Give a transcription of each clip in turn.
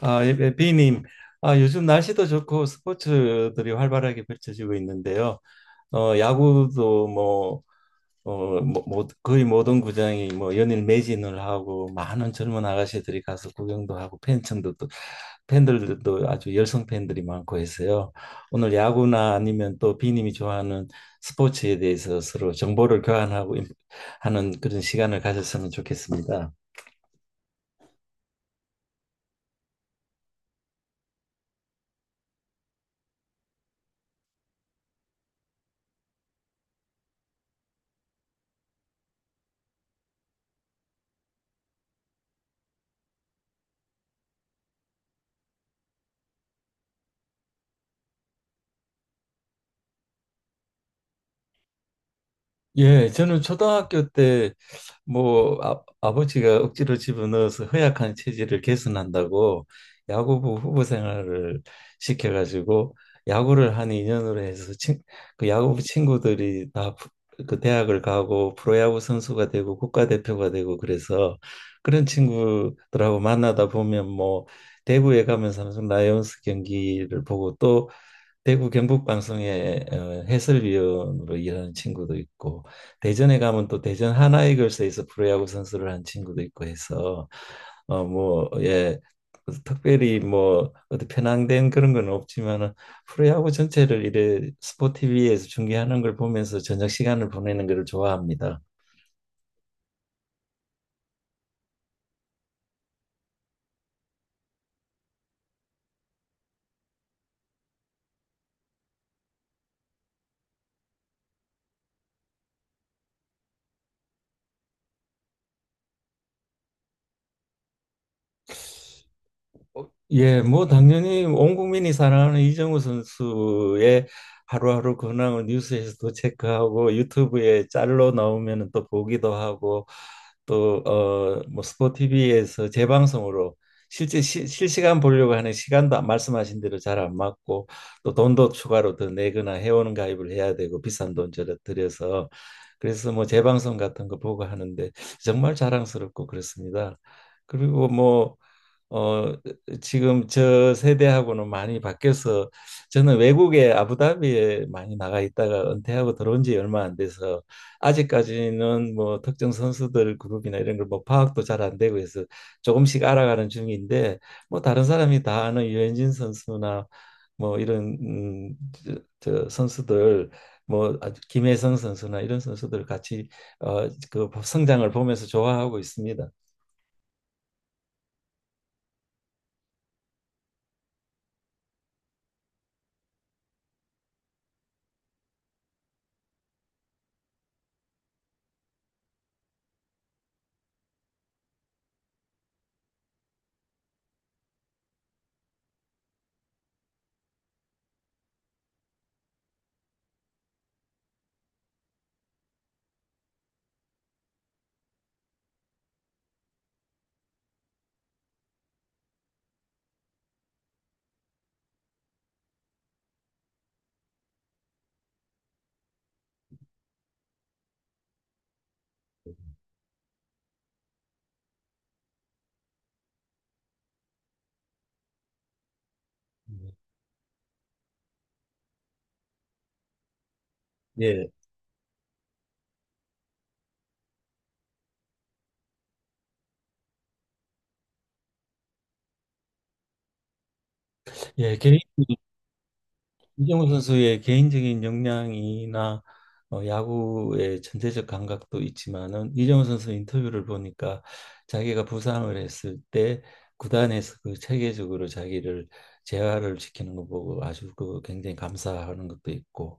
아, 예, 예, 비님. 아, 요즘 날씨도 좋고 스포츠들이 활발하게 펼쳐지고 있는데요. 야구도 뭐 거의 모든 구장이 뭐 연일 매진을 하고, 많은 젊은 아가씨들이 가서 구경도 하고 팬층도, 또 팬들도 아주 열성 팬들이 많고 해서요. 오늘 야구나 아니면 또 비님이 좋아하는 스포츠에 대해서 서로 정보를 교환하고 하는, 그런 시간을 가졌으면 좋겠습니다. 예, 저는 초등학교 때 뭐 아버지가 억지로 집어넣어서 허약한 체질을 개선한다고 야구부 후보 생활을 시켜가지고 야구를 한 인연으로 해서, 그 야구부 친구들이 다 그 대학을 가고 프로야구 선수가 되고 국가대표가 되고 그래서, 그런 친구들하고 만나다 보면 뭐 대구에 가면 삼성 라이온스 경기를 보고, 또 대구 경북 방송의 해설위원으로 일하는 친구도 있고, 대전에 가면 또 대전 하나이글스에서 프로야구 선수를 한 친구도 있고 해서 뭐 예, 특별히 뭐 어디 편향된 그런 건 없지만은 프로야구 전체를 이래 스포티비에서 중계하는 걸 보면서 저녁 시간을 보내는 걸 좋아합니다. 예, 뭐 당연히 온 국민이 사랑하는 이정우 선수의 하루하루 근황을 뉴스에서도 체크하고 유튜브에 짤로 나오면 또 보기도 하고, 또 뭐 스포티비에서 재방송으로 실제 실시간 보려고 하는 시간도 말씀하신 대로 잘 안 맞고, 또 돈도 추가로 더 내거나 회원 가입을 해야 되고 비싼 돈 저러 들여서, 그래서 뭐 재방송 같은 거 보고 하는데 정말 자랑스럽고 그렇습니다. 그리고 뭐어 지금 저 세대하고는 많이 바뀌어서, 저는 외국에 아부다비에 많이 나가 있다가 은퇴하고 들어온 지 얼마 안 돼서 아직까지는 뭐 특정 선수들 그룹이나 이런 걸 뭐 파악도 잘 안 되고 해서 조금씩 알아가는 중인데, 뭐 다른 사람이 다 아는 유현진 선수나 뭐 이런 저 선수들, 뭐 아주 김혜성 선수나 이런 선수들 같이 그 성장을 보면서 좋아하고 있습니다. 예, 예, 개인 이정우 선수의 개인적인 역량이나 야구의 전체적 감각도 있지만은, 이정우 선수 인터뷰를 보니까 자기가 부상을 했을 때 구단에서 그 체계적으로 자기를 재활을 시키는 거 보고 아주 그 굉장히 감사하는 것도 있고,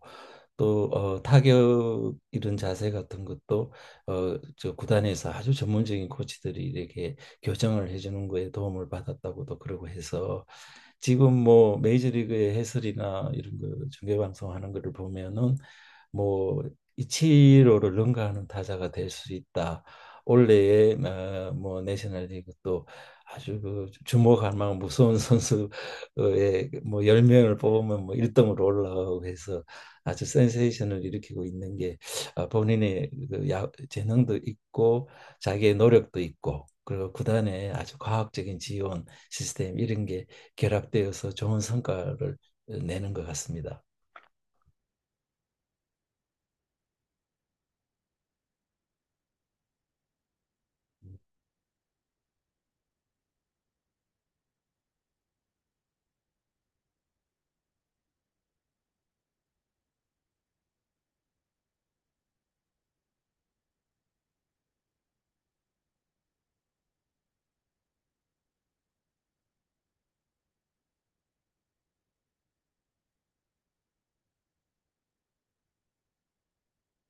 또 타격 이런 자세 같은 것도 저 구단에서 아주 전문적인 코치들이 이렇게 교정을 해주는 거에 도움을 받았다고도 그러고 해서 지금 뭐 메이저리그의 해설이나 이런 거 중계 방송하는 거를 보면은, 뭐 이치로를 능가하는 타자가 될 수 있다, 올해의 뭐 내셔널리그 또 아주 그 주목할 만한 무서운 선수의 뭐 10명을 뽑으면 뭐 1등으로 올라가고 해서 아주 센세이션을 일으키고 있는 게, 아, 본인의 그 재능도 있고 자기의 노력도 있고, 그리고 구단의 아주 과학적인 지원 시스템 이런 게 결합되어서 좋은 성과를 내는 것 같습니다.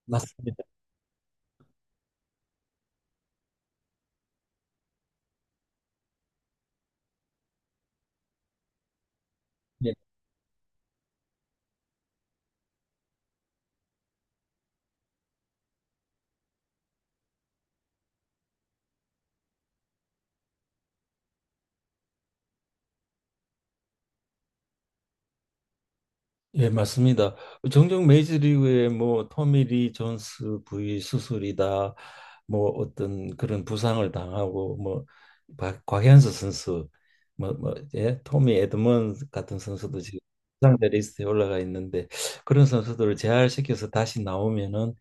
맞습니다. 예. 예, 맞습니다. 종종 메이저리그에 뭐 토미 리 존스 부위 수술이다, 뭐 어떤 그런 부상을 당하고 뭐 곽현수 선수, 뭐 예, 토미 에드먼 같은 선수도 지금 부상자 리스트에 올라가 있는데, 그런 선수들을 재활시켜서 다시 나오면은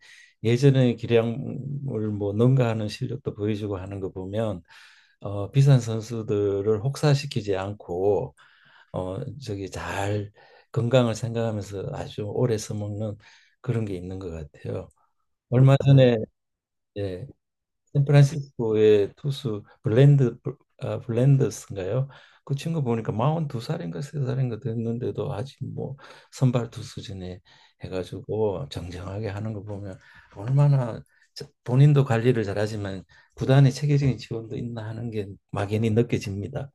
예전의 기량을 뭐 능가하는 실력도 보여주고 하는 거 보면 비싼 선수들을 혹사시키지 않고 어 저기 잘 건강을 생각하면서 아주 오래 써먹는 그런 게 있는 것 같아요. 얼마 전에, 예, 샌프란시스코의 투수 블랜드, 아, 블랜더스인가요? 그 친구 보니까 42살인가 3살인가 됐는데도 아직 뭐 선발 투수진에 해가지고 정정하게 하는 거 보면 얼마나, 본인도 관리를 잘하지만 구단의 체계적인 지원도 있나 하는 게 막연히 느껴집니다.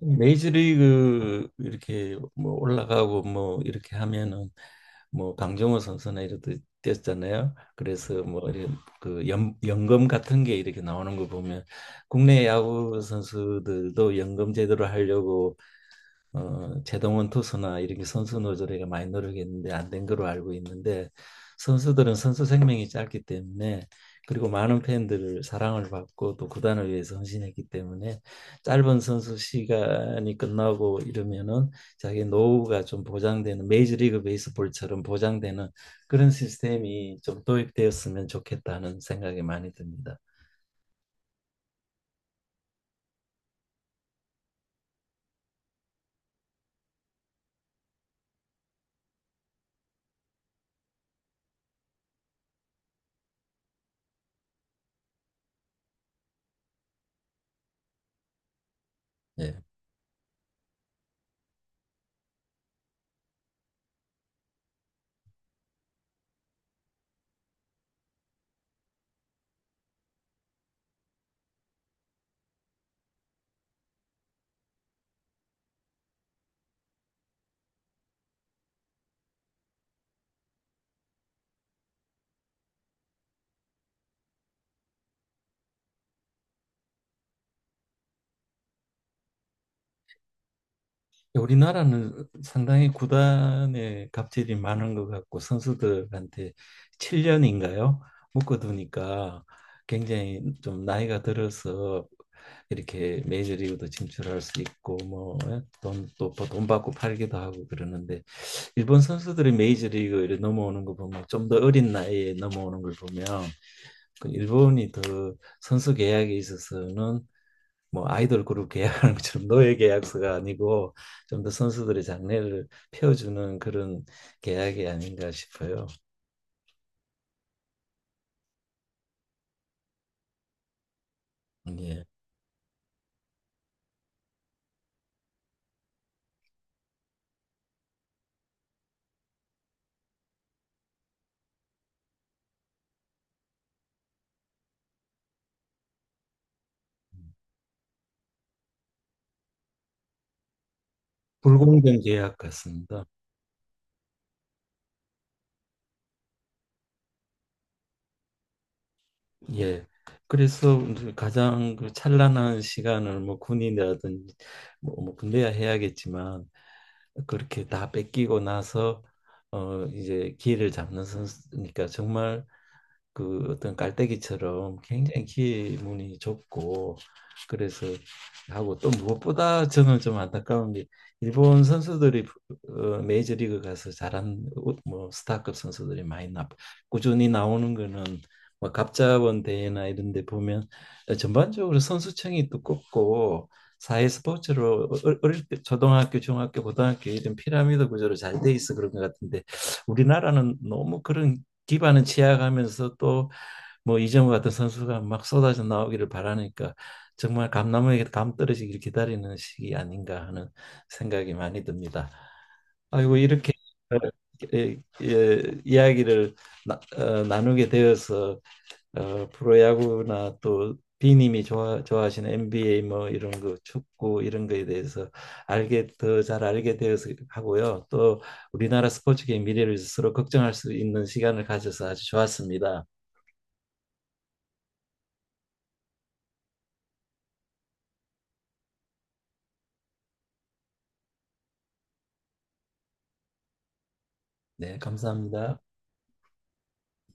메이저리그 이렇게 뭐 올라가고 뭐 이렇게 하면은 뭐 강정호 선수나 이렇듯 뛰었잖아요. 그래서 뭐 이런 그 연금 같은 게 이렇게 나오는 거 보면 국내 야구 선수들도 연금 제도를 하려고 제동원 투수나 이렇게 선수 노조리가 많이 노력했는데 안 된 걸로 알고 있는데, 선수들은 선수 생명이 짧기 때문에, 그리고 많은 팬들을 사랑을 받고 또 구단을 위해서 헌신했기 때문에 짧은 선수 시간이 끝나고 이러면은 자기 노후가 좀 보장되는, 메이저리그 베이스볼처럼 보장되는 그런 시스템이 좀 도입되었으면 좋겠다는 생각이 많이 듭니다. 예. 우리나라는 상당히 구단의 갑질이 많은 것 같고 선수들한테 7년인가요? 묶어두니까 굉장히 좀 나이가 들어서 이렇게 메이저리그도 진출할 수 있고 뭐돈또돈 받고 팔기도 하고 그러는데, 일본 선수들이 메이저리그에 넘어오는 거 보면 좀 더 어린 나이에 넘어오는 걸 보면 그 일본이 더 선수 계약에 있어서는 뭐 아이돌 그룹 계약하는 것처럼 노예 계약서가 아니고 좀 더 선수들의 장래를 펴주는 그런 계약이 아닌가 싶어요. 예. 불공정 계약 같습니다. 예. 그래서 이제 가장 그 찬란한 시간을 뭐 군인이라든지 뭐 군대야 해야겠지만 그렇게 다 뺏기고 나서 이제 기회를 잡는 선수니까 정말 그 어떤 깔때기처럼 굉장히 기 문이 좁고, 그래서 하고, 또 무엇보다 저는 좀 안타까운 게, 일본 선수들이 메이저리그 가서 잘한 뭐 스타급 선수들이 많이 나 꾸준히 나오는 거는 뭐 갑자원 대회나 이런 데 보면 전반적으로 선수층이 두껍고 사회 스포츠로 어릴 때 초등학교, 중학교, 고등학교 이런 피라미드 구조로 잘 돼 있어 그런 것 같은데, 우리나라는 너무 그런 기반은 취약하면서 또 뭐 이정우 같은 선수가 막 쏟아져 나오기를 바라니까, 정말 감나무에게 감 떨어지기를 기다리는 시기 아닌가 하는 생각이 많이 듭니다. 아이고, 이렇게 어, 예, 예, 이야기를 나누게 되어서, 어, 프로야구나 또 비님이 좋아하시는 NBA 뭐 이런 거 축구 이런 거에 대해서 알게, 더 잘 알게 되어서 하고요. 또 우리나라 스포츠계의 미래를 스스로 걱정할 수 있는 시간을 가져서 아주 좋았습니다. 네, 감사합니다.